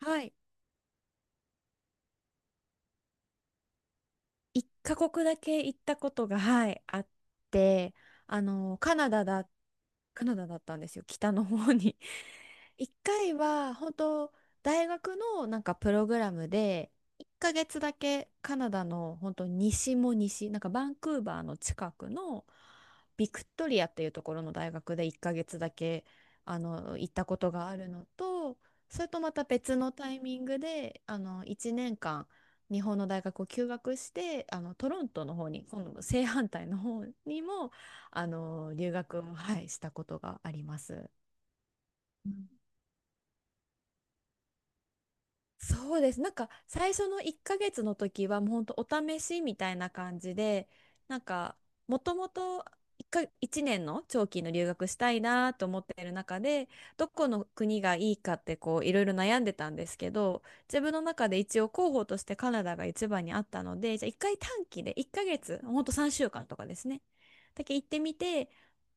はい。一カ国だけ行ったことが、はい、あって、カナダだ、カナダだったんですよ、北の方に。一回は、本当大学のなんかプログラムで、1ヶ月だけカナダの本当西も西、なんかバンクーバーの近くのビクトリアっていうところの大学で1ヶ月だけ、行ったことがあるのと、それとまた別のタイミングで、1年間、日本の大学を休学してトロントの方に今度正反対の方にも留学を、はい、したことがあります。そうです。なんか最初の1ヶ月の時はもうほんとお試しみたいな感じで、なんかもともと1年の長期の留学したいなと思っている中で、どこの国がいいかってこういろいろ悩んでたんですけど、自分の中で一応候補としてカナダが一番にあったので、じゃあ1回短期で1ヶ月、ほんと3週間とかですね。だけ行ってみて、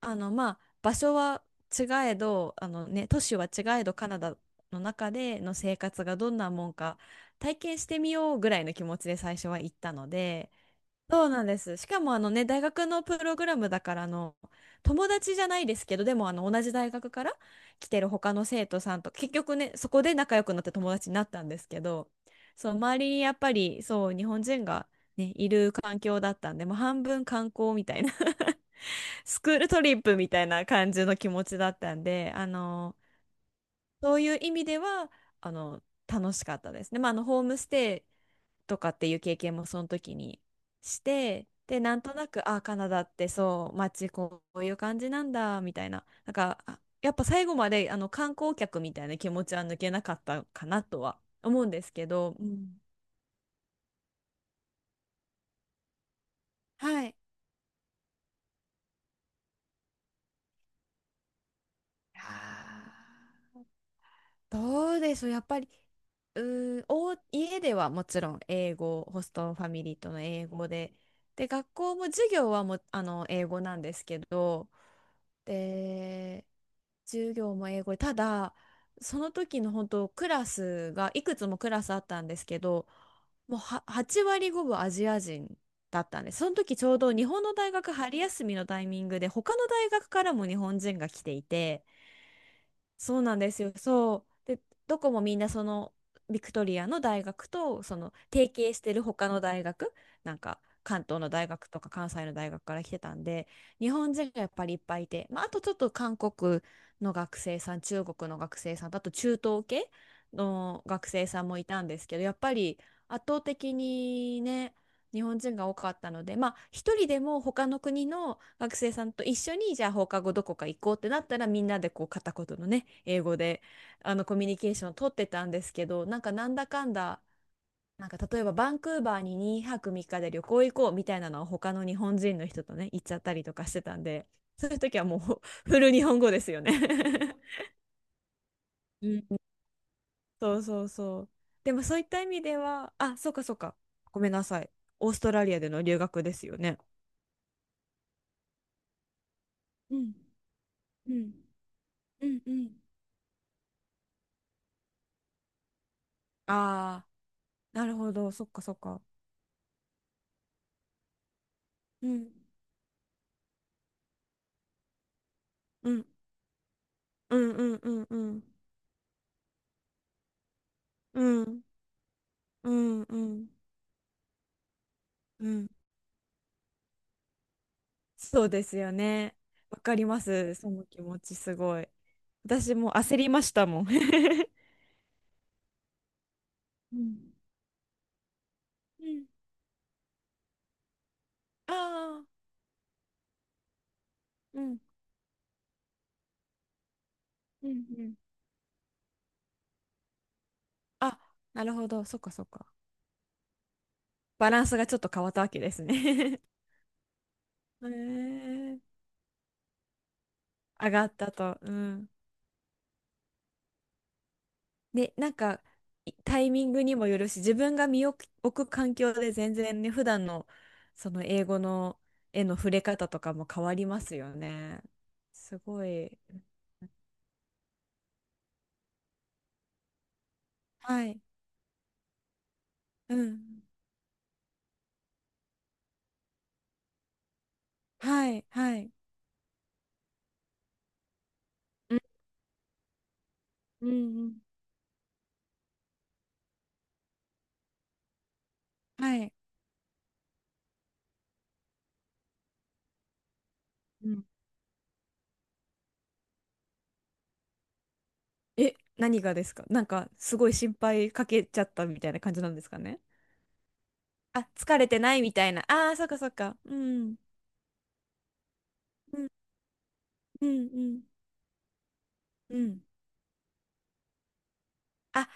まあ場所は違えど都市は違えどカナダの中での生活がどんなもんか体験してみようぐらいの気持ちで最初は行ったので、そうなんです。しかも大学のプログラムだから友達じゃないですけど、でも同じ大学から来てる他の生徒さんと結局ねそこで仲良くなって友達になったんですけど、そう、周りにやっぱりそう日本人が、ね、いる環境だったんでもう半分観光みたいな、スクールトリップみたいな感じの気持ちだったんで、そういう意味では、あの、楽しかったですね。まあ、ホームステイとかっていう経験もその時にして、で、なんとなく、あ、カナダってそう、街こういう感じなんだ、みたいな。なんか、あ、やっぱ最後まで、観光客みたいな気持ちは抜けなかったかなとは思うんですけど、うん、はい。あーどうでしょう、やっぱり、家ではもちろん英語、ホストファミリーとの英語で、で、学校も授業は英語なんですけど、で、授業も英語で、ただ、その時の本当、クラスが、いくつもクラスあったんですけど、もうは8割ごぶアジア人だったんです。その時ちょうど日本の大学春休みのタイミングで、他の大学からも日本人が来ていて、そうなんですよ。そう。で、どこもみんなそのビクトリアの大学とその提携してる他の大学、なんか関東の大学とか関西の大学から来てたんで、日本人がやっぱりいっぱいいて、まあ、あとちょっと韓国の学生さん、中国の学生さんと、あと中東系の学生さんもいたんですけど、やっぱり圧倒的にね、日本人が多かったので、まあ、一人でも他の国の学生さんと一緒に、じゃあ放課後どこか行こうってなったら、みんなでこう片言のね、英語でコミュニケーションを取ってたんですけど、なんかなんだかんだ、なんか例えばバンクーバーに2泊3日で旅行行こうみたいなのは他の日本人の人とね、行っちゃったりとかしてたんで、そういう時はもう フル日本語ですよね。 うん、そうそうそう。でもそういった意味では、あ、そうかそうか。ごめんなさい。オーストラリアでの留学ですよね。うんうん。うんうん。ああ、なるほど。そっかそっか。うん。うん、うんうんうんうんうんうんうんうん、そうですよね。わかります。その気持ちすごい。私も焦りましたもん。うん。うん、ああ、うん。うんうん。あ、なるほど。そっかそっか。バランスがちょっと変わったわけですね。 へえ、上がったと。うん。で、なんか、いタイミングにもよるし、自分が身を置く環境で全然ね、普段のその英語の絵の触れ方とかも変わりますよね。すごい。はい。うん。はい。はい。うんうんうん、はい。うん、え、何がですか、なんかすごい心配かけちゃったみたいな感じなんですかね。あ、疲れてないみたいな。ああ、そっかそっか。うん。うんうんうん。うん。あ、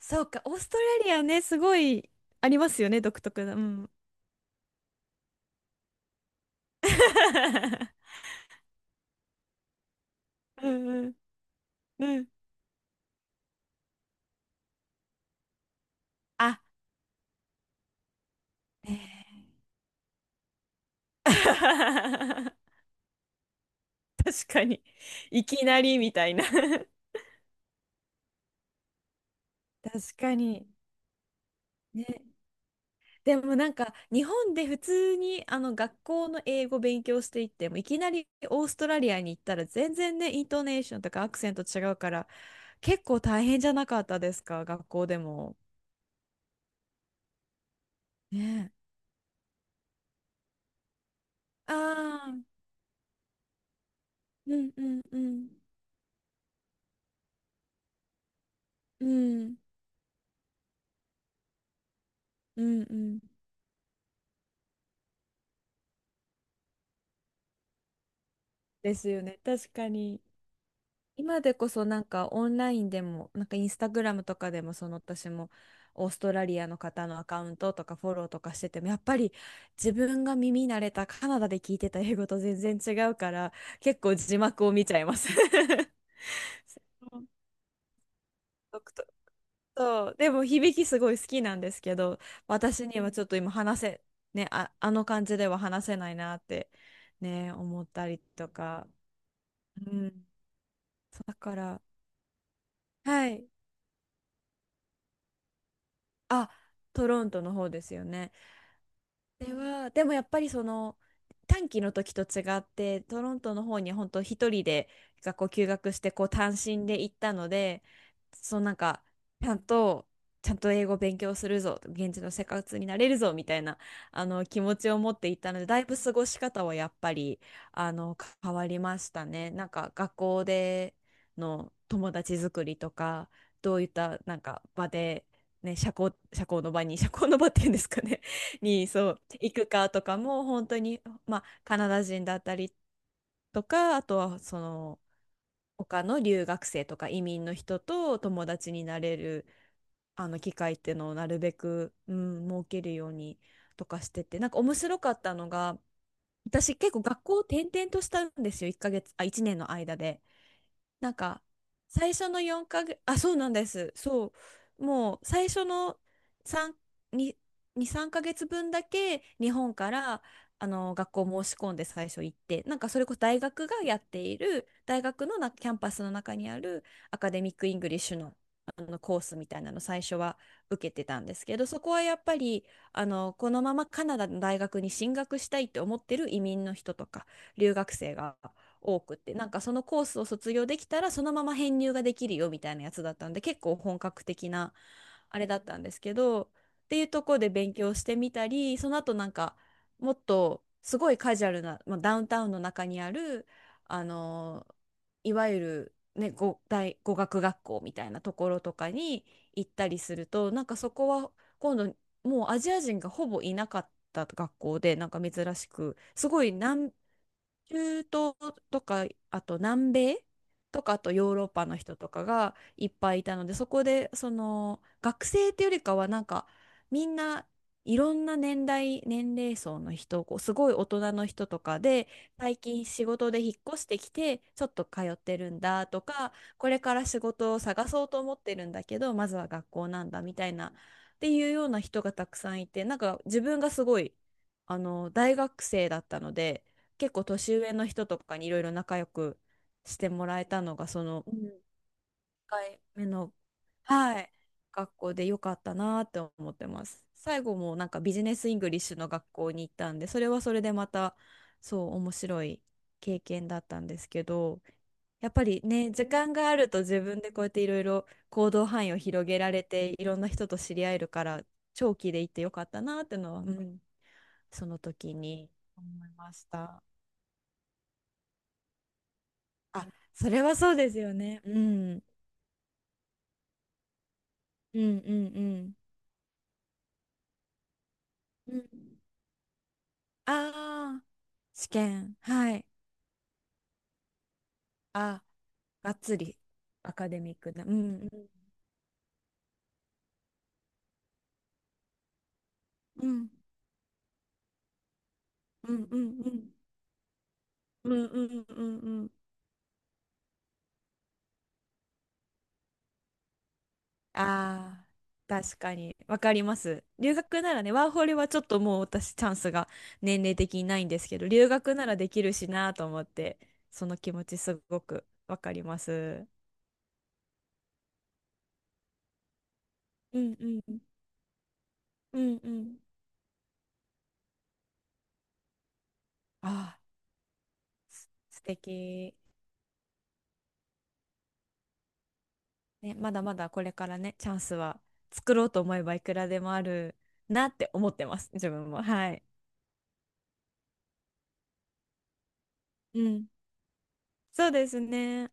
そうか、オーストラリアね、すごいありますよね、独特な。うん。うんうんうん。あ、ねえ。 確かに。いきなりみたいな。 確かに。ね。でもなんか日本で普通に学校の英語勉強していってもいきなりオーストラリアに行ったら全然ねイントネーションとかアクセント違うから結構大変じゃなかったですか、学校でも。ねえ。ああ、うんうんうん。うん、うんうん、ですよね。確かに。今でこそなんかオンラインでも、なんかインスタグラムとかでも、その私もオーストラリアの方のアカウントとかフォローとかしてても、やっぱり自分が耳慣れたカナダで聞いてた英語と全然違うから、結構字幕を見ちゃいます。そう、独特、そうでも響きすごい好きなんですけど、私にはちょっと今話せ、ね、あ、あの感じでは話せないなって、ね、思ったりとか。うん、そうだから、はい。あ、トロントの方ですよね。ではでもやっぱりその短期の時と違ってトロントの方に本当一人で学校休学してこう単身で行ったので、そう、なんかちゃんとちゃんと英語勉強するぞ、現地の生活になれるぞみたいな気持ちを持っていったのでだいぶ過ごし方はやっぱりあの変わりましたね。なんか学校での友達作りとかどういったなんか場で、ね、社交の場っていうんですかね、にそう行くかとかも本当に、まあ、カナダ人だったりとかあとはその他の留学生とか移民の人と友達になれる機会っていうのをなるべく、うん、設けるようにとかしてて、なんか面白かったのが、私結構学校を転々としたんですよ、1ヶ月あ1年の間で。なんか最初の4か月あそうなんです、そう、もう最初の3 2 2、3ヶ月分だけ日本から学校申し込んで最初行って、なんかそれこそ大学がやっている大学のキャンパスの中にあるアカデミック・イングリッシュの、コースみたいなの最初は受けてたんですけど、そこはやっぱりこのままカナダの大学に進学したいって思ってる移民の人とか留学生が多くって、なんかそのコースを卒業できたらそのまま編入ができるよみたいなやつだったんで結構本格的なあれだったんですけど、っていうところで勉強してみたり、その後なんかもっとすごいカジュアルな、まあ、ダウンタウンの中にあるあのーいわゆる、ね、語学学校みたいなところとかに行ったりすると、なんかそこは今度もうアジア人がほぼいなかった学校で、なんか珍しくすごい中東とか、あと南米とか、あとヨーロッパの人とかがいっぱいいたので、そこで、その、学生っていうよりかは、なんか、みんないろんな年代、年齢層の人、こうすごい大人の人とかで、最近仕事で引っ越してきて、ちょっと通ってるんだとか、これから仕事を探そうと思ってるんだけど、まずは学校なんだみたいな、っていうような人がたくさんいて、なんか自分がすごい、大学生だったので、結構年上の人とかにいろいろ仲良くしてもらえたのが、その、うん、1回目の、はい、学校で良かったなって思ってます。最後もなんかビジネスイングリッシュの学校に行ったんで、それはそれでまたそう面白い経験だったんですけど、やっぱりね、時間があると自分でこうやっていろいろ行動範囲を広げられて、いろんな人と知り合えるから、長期で行ってよかったなってのは、うん、その時に思いました。あ、それはそうですよね。うん。うんうんうん。うん。ああ、試験。はい。あ、がっつりアカデミックな。うんうんうんうんうんうんうんうんうん。ああー、確かに。わかります。留学ならね、ワーホリはちょっともう私チャンスが年齢的にないんですけど、留学ならできるしなと思って、その気持ちすごくわかります。うんうんうんうん。ああ、す、素敵。ね、まだまだこれからね、チャンスは作ろうと思えばいくらでもあるなって思ってます、自分も。はい。うん。そうですね。